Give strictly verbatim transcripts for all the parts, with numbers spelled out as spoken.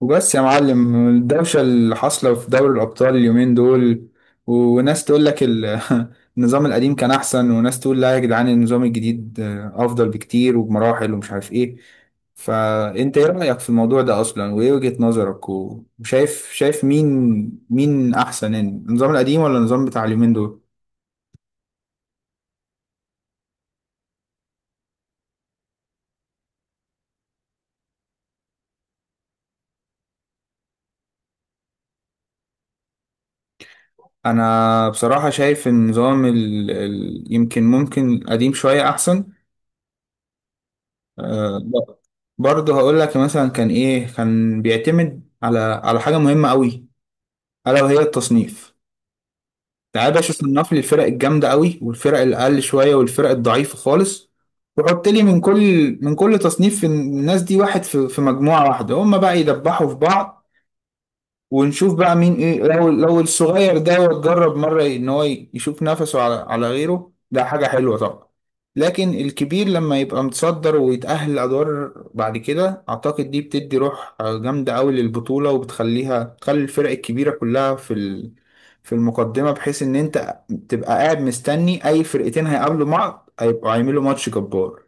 وبس يا معلم، الدوشة اللي حاصلة في دوري الأبطال اليومين دول، وناس تقول لك ال- النظام القديم كان أحسن، وناس تقول لا يا جدعان النظام الجديد أفضل بكتير وبمراحل، ومش عارف إيه. فأنت إيه رأيك في الموضوع ده أصلا، وإيه وجهة نظرك، و- وشايف شايف مين مين أحسن يعني، النظام القديم ولا النظام بتاع اليومين دول؟ أنا بصراحة شايف النظام ال... ال... يمكن ممكن القديم شوية أحسن. آه، ب- برضه هقول لك، مثلا كان ايه كان بيعتمد على على حاجه مهمه قوي، الا وهي التصنيف. تعال يا باشا، صنف لي الفرق الجامده قوي، والفرق الاقل شويه، والفرق الضعيفه خالص. وحط لي من كل من كل تصنيف، الناس دي واحد في في مجموعه واحده، هم بقى يدبحوا في بعض. ونشوف بقى مين ايه. لو لو الصغير ده جرب مرة ان هو ي- يشوف نفسه على على غيره، ده حاجة حلوة طبعا. لكن الكبير لما يبقى متصدر ويتأهل أدوار بعد كده، أعتقد دي بتدي روح جامدة أوي للبطولة، وبتخليها تخلي الفرق الكبيرة كلها في ال... في المقدمة، بحيث إن أنت تبقى قاعد مستني أي فرقتين هيقابلوا بعض هيبقوا هيعملوا ماتش جبار.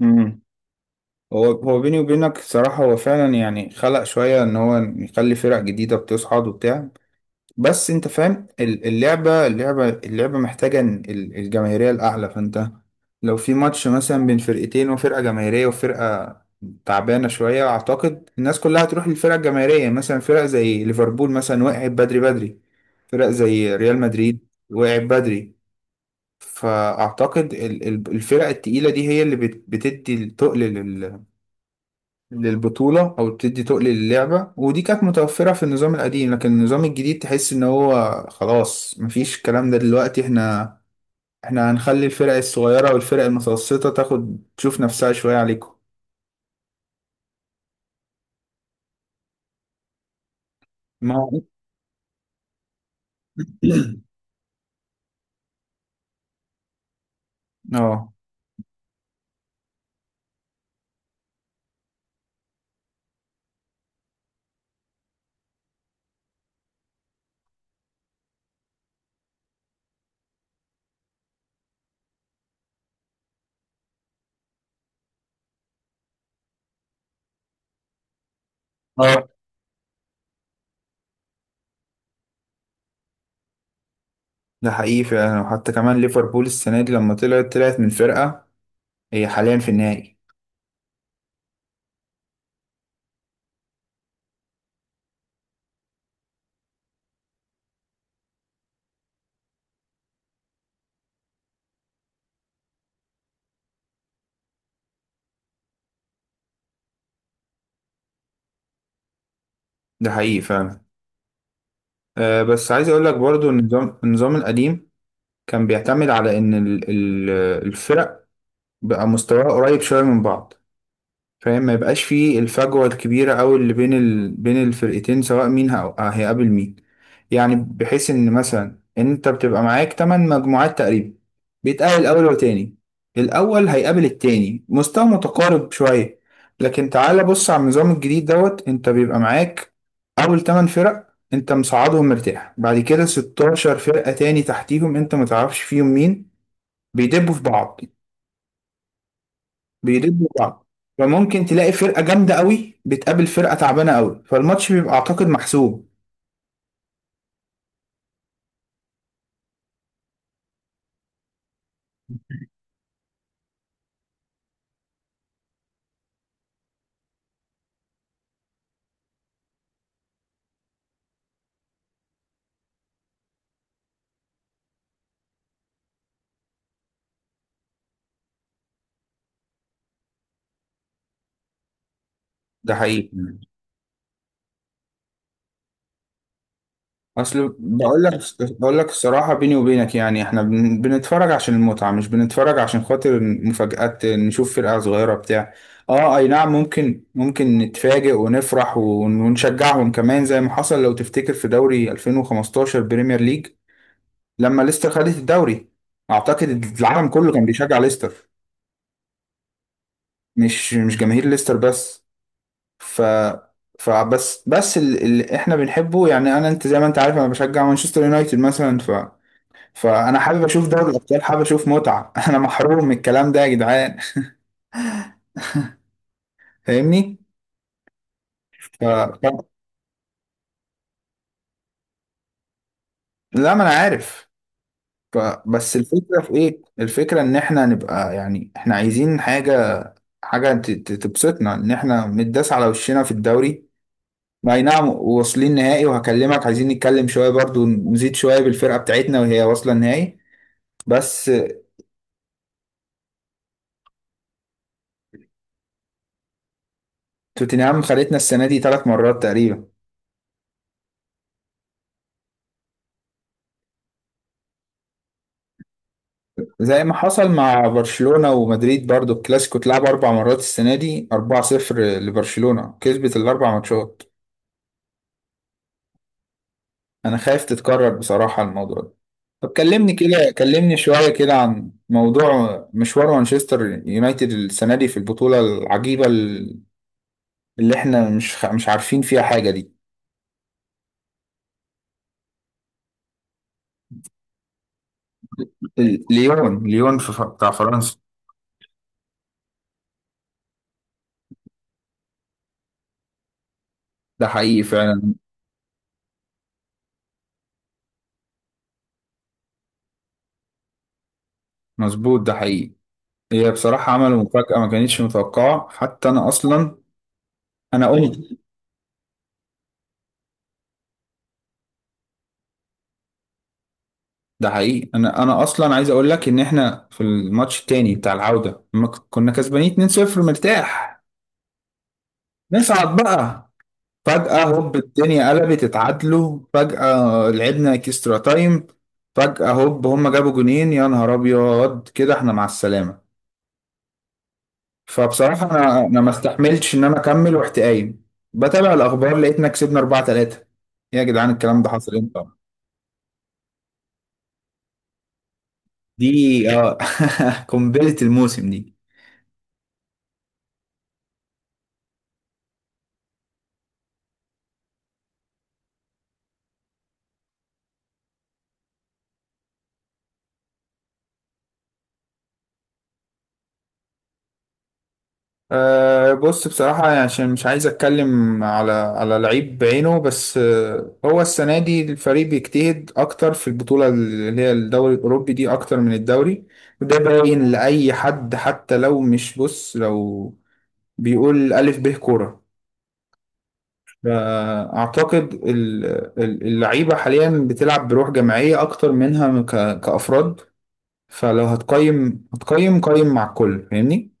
امم هو هو بيني وبينك صراحة، هو فعلا يعني خلق شوية إن هو يخلي فرق جديدة بتصعد وبتاع. بس انت فاهم، ال- اللعبة اللعبة اللعبة محتاجة ان- ال- الجماهيرية الأعلى، فانت لو في ماتش مثلا بين فرقتين، وفرقة جماهيرية وفرقة تعبانة شوية، أعتقد الناس كلها هتروح للفرقة الجماهيرية. مثلا فرق زي ليفربول مثلا وقعت بدري بدري، فرق زي ريال مدريد وقعت بدري. فأعتقد ال- ال- الفرق التقيلة دي هي اللي بت- بتدي التقل للبطولة، أو بتدي تقل للعبة، ودي كانت متوفرة في النظام القديم. لكن النظام الجديد تحس إن هو خلاص مفيش الكلام ده دلوقتي، إحنا إحنا هنخلي الفرق الصغيرة والفرق المتوسطة تاخد تشوف نفسها شوية عليكم. ما هو. آه. اه. ده حقيقي فعلا. وحتى كمان ليفربول السنة دي لما طلعت طلعت من فرقة، هي حاليا في النهائي. ده حقيقي فعلا. أه، بس عايز أقول لك برضو إن النظام النظام القديم كان بيعتمد على إن ال- ال- الفرق بقى مستواها قريب شوية من بعض. فاهم؟ ما يبقاش فيه الفجوة الكبيرة أوي اللي بين ال... بين الفرقتين، سواء مين ه- هيقابل مين. يعني بحيث إن مثلا أنت بتبقى معاك تمن مجموعات تقريبا، بيتقابل أول وتاني. الأول هيقابل التاني، مستوى متقارب شوية. لكن تعالى بص على النظام الجديد دوت، أنت بيبقى معاك أول تمن فرق أنت مصعدهم مرتاح، بعد كده ستاشر فرقة تاني تحتيهم أنت متعرفش فيهم مين، بيدبوا في بعض، بيضدوا بعض. فممكن تلاقي فرقة جامدة قوي بتقابل فرقة تعبانة قوي، فالماتش بيبقى أعتقد محسوب. ده حقيقي. أصل بقول لك بقول لك الصراحة بيني وبينك، يعني إحنا بن- بنتفرج عشان المتعة، مش بنتفرج عشان خاطر مفاجآت نشوف فرقة صغيرة بتاع. آه، أي نعم. ممكن ممكن نتفاجئ ونفرح ون- ونشجعهم كمان، زي ما حصل لو تفتكر في دوري ألفين وخمستاشر بريمير ليج لما ليستر خدت الدوري. أعتقد العالم كله كان بيشجع ليستر، مش مش جماهير ليستر بس. ف فبس بس ال- اللي احنا بنحبه، يعني انا، انت زي ما انت عارف انا بشجع مانشستر يونايتد مثلا. ف فانا حابب اشوف دوري الابطال، حابب اشوف متعه. انا محروم من الكلام ده يا جدعان. فاهمني؟ ف... ف... لا، ما انا عارف. ف... بس الفكره في ايه، الفكره ان احنا نبقى، يعني احنا عايزين حاجه، حاجه ت... ت- تبسطنا، ان احنا متداس على وشنا في الدوري. اي نعم، واصلين نهائي وهكلمك، عايزين نتكلم شويه برضو نزيد شويه بالفرقه بتاعتنا وهي واصله النهائي، بس. توتنهام خدتنا السنة دي ثلاث مرات تقريبا. زي ما حصل مع برشلونة ومدريد برضو، الكلاسيكو اتلعب أربع مرات السنة دي، أربعة صفر لبرشلونة، كسبت الأربع ماتشات. أنا خايف تتكرر بصراحة الموضوع ده. طب كلمني كده، كلمني شوية كده عن موضوع مشوار مانشستر يونايتد السنة دي في البطولة العجيبة اللي احنا مش خ- مش عارفين فيها حاجة دي. ليون، ليون في ف- بتاع فرنسا. ده حقيقي فعلا. مظبوط ده حقيقي. هي بصراحة عملوا مفاجأة ما كانتش متوقعة حتى أنا أصلا. أنا قمت. ده حقيقي. أنا أنا أصلا عايز أقول لك إن إحنا في الماتش التاني بتاع العودة لما ك- كنا كسبانين اتنين صفر مرتاح نصعد بقى. فجأة هوب، الدنيا قلبت، اتعادلوا، فجأة لعبنا اكسترا تايم. فجأة هوب، هما جابوا جونين، يا نهار أبيض كده إحنا مع السلامة. فبصراحة أنا أنا ما استحملتش إن أنا أكمل ورحت قايم بتابع الأخبار، لقيتنا كسبنا اربعة تلاتة. إيه يا جدعان، الكلام ده حصل إمتى؟ دي، اه قنبلة الموسم دي. أه، بص بصراحة يعني، عشان مش عايز أتكلم على على لعيب بعينه، بس أه، هو السنة دي الفريق بيجتهد أكتر في البطولة اللي هي الدوري الأوروبي دي أكتر من الدوري. وده باين لأي حد، حتى لو مش، بص، لو بيقول ألف به كورة. فأعتقد ال- ال- اللعيبة حاليا بتلعب بروح جماعية أكتر منها ك- كأفراد. فلو هتقيم هتقيم قيم مع الكل، فاهمني؟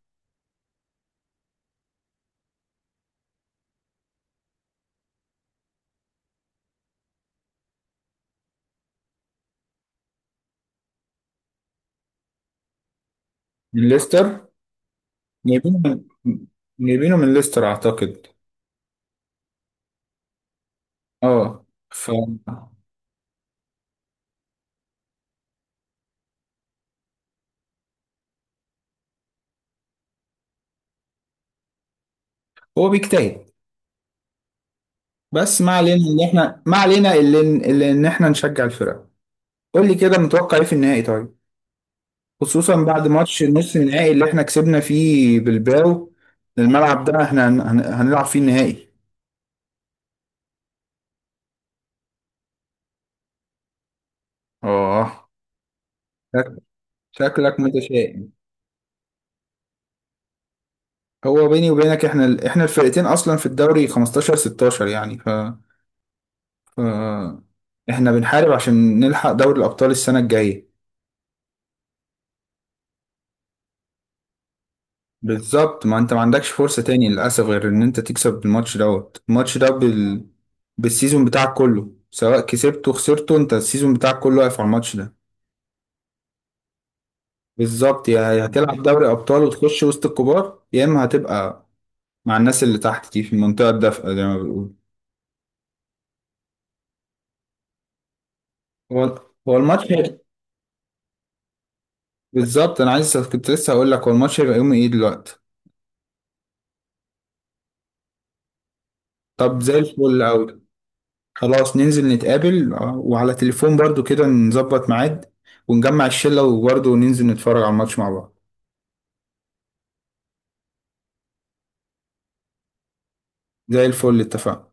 من ليستر. جايبينه من جايبينه من ليستر اعتقد. اه. ف هو بيجتهد. بس ما علينا ان احنا ما علينا اللي اللي ان احنا نشجع الفرق. قول لي كده، متوقع ايه في النهائي طيب، خصوصا بعد ماتش النص النهائي اللي احنا كسبنا فيه بالباو. الملعب ده احنا هن- هن- هنلعب فيه النهائي. اه. شك- شكلك متشائم. هو بيني وبينك، احنا ال- احنا الفرقتين اصلا في الدوري خمستاشر ستاشر يعني. ف آه. احنا بنحارب عشان نلحق دوري الابطال السنه الجايه. بالظبط، ما انت ما عندكش فرصه تاني للاسف، غير ان انت تكسب الماتش دوت. الماتش ده بال... بالسيزون بتاعك كله، سواء كسبته وخسرته انت السيزون بتاعك كله واقف على الماتش ده. بالظبط، يا هتلعب دوري ابطال وتخش وسط الكبار، يا اما هتبقى مع الناس اللي تحت دي في المنطقه الدافئه زي ما بيقولوا. هو هو الماتش. بالظبط، انا عايز كنت لسه هقول لك، هو الماتش هيبقى يوم ايه دلوقتي؟ طب زي الفل قوي. خلاص ننزل نتقابل، آه، وعلى تليفون برضو كده نظبط ميعاد، ونجمع الشلة وبرضو ننزل نتفرج على الماتش مع بعض. زي الفل، اتفقنا.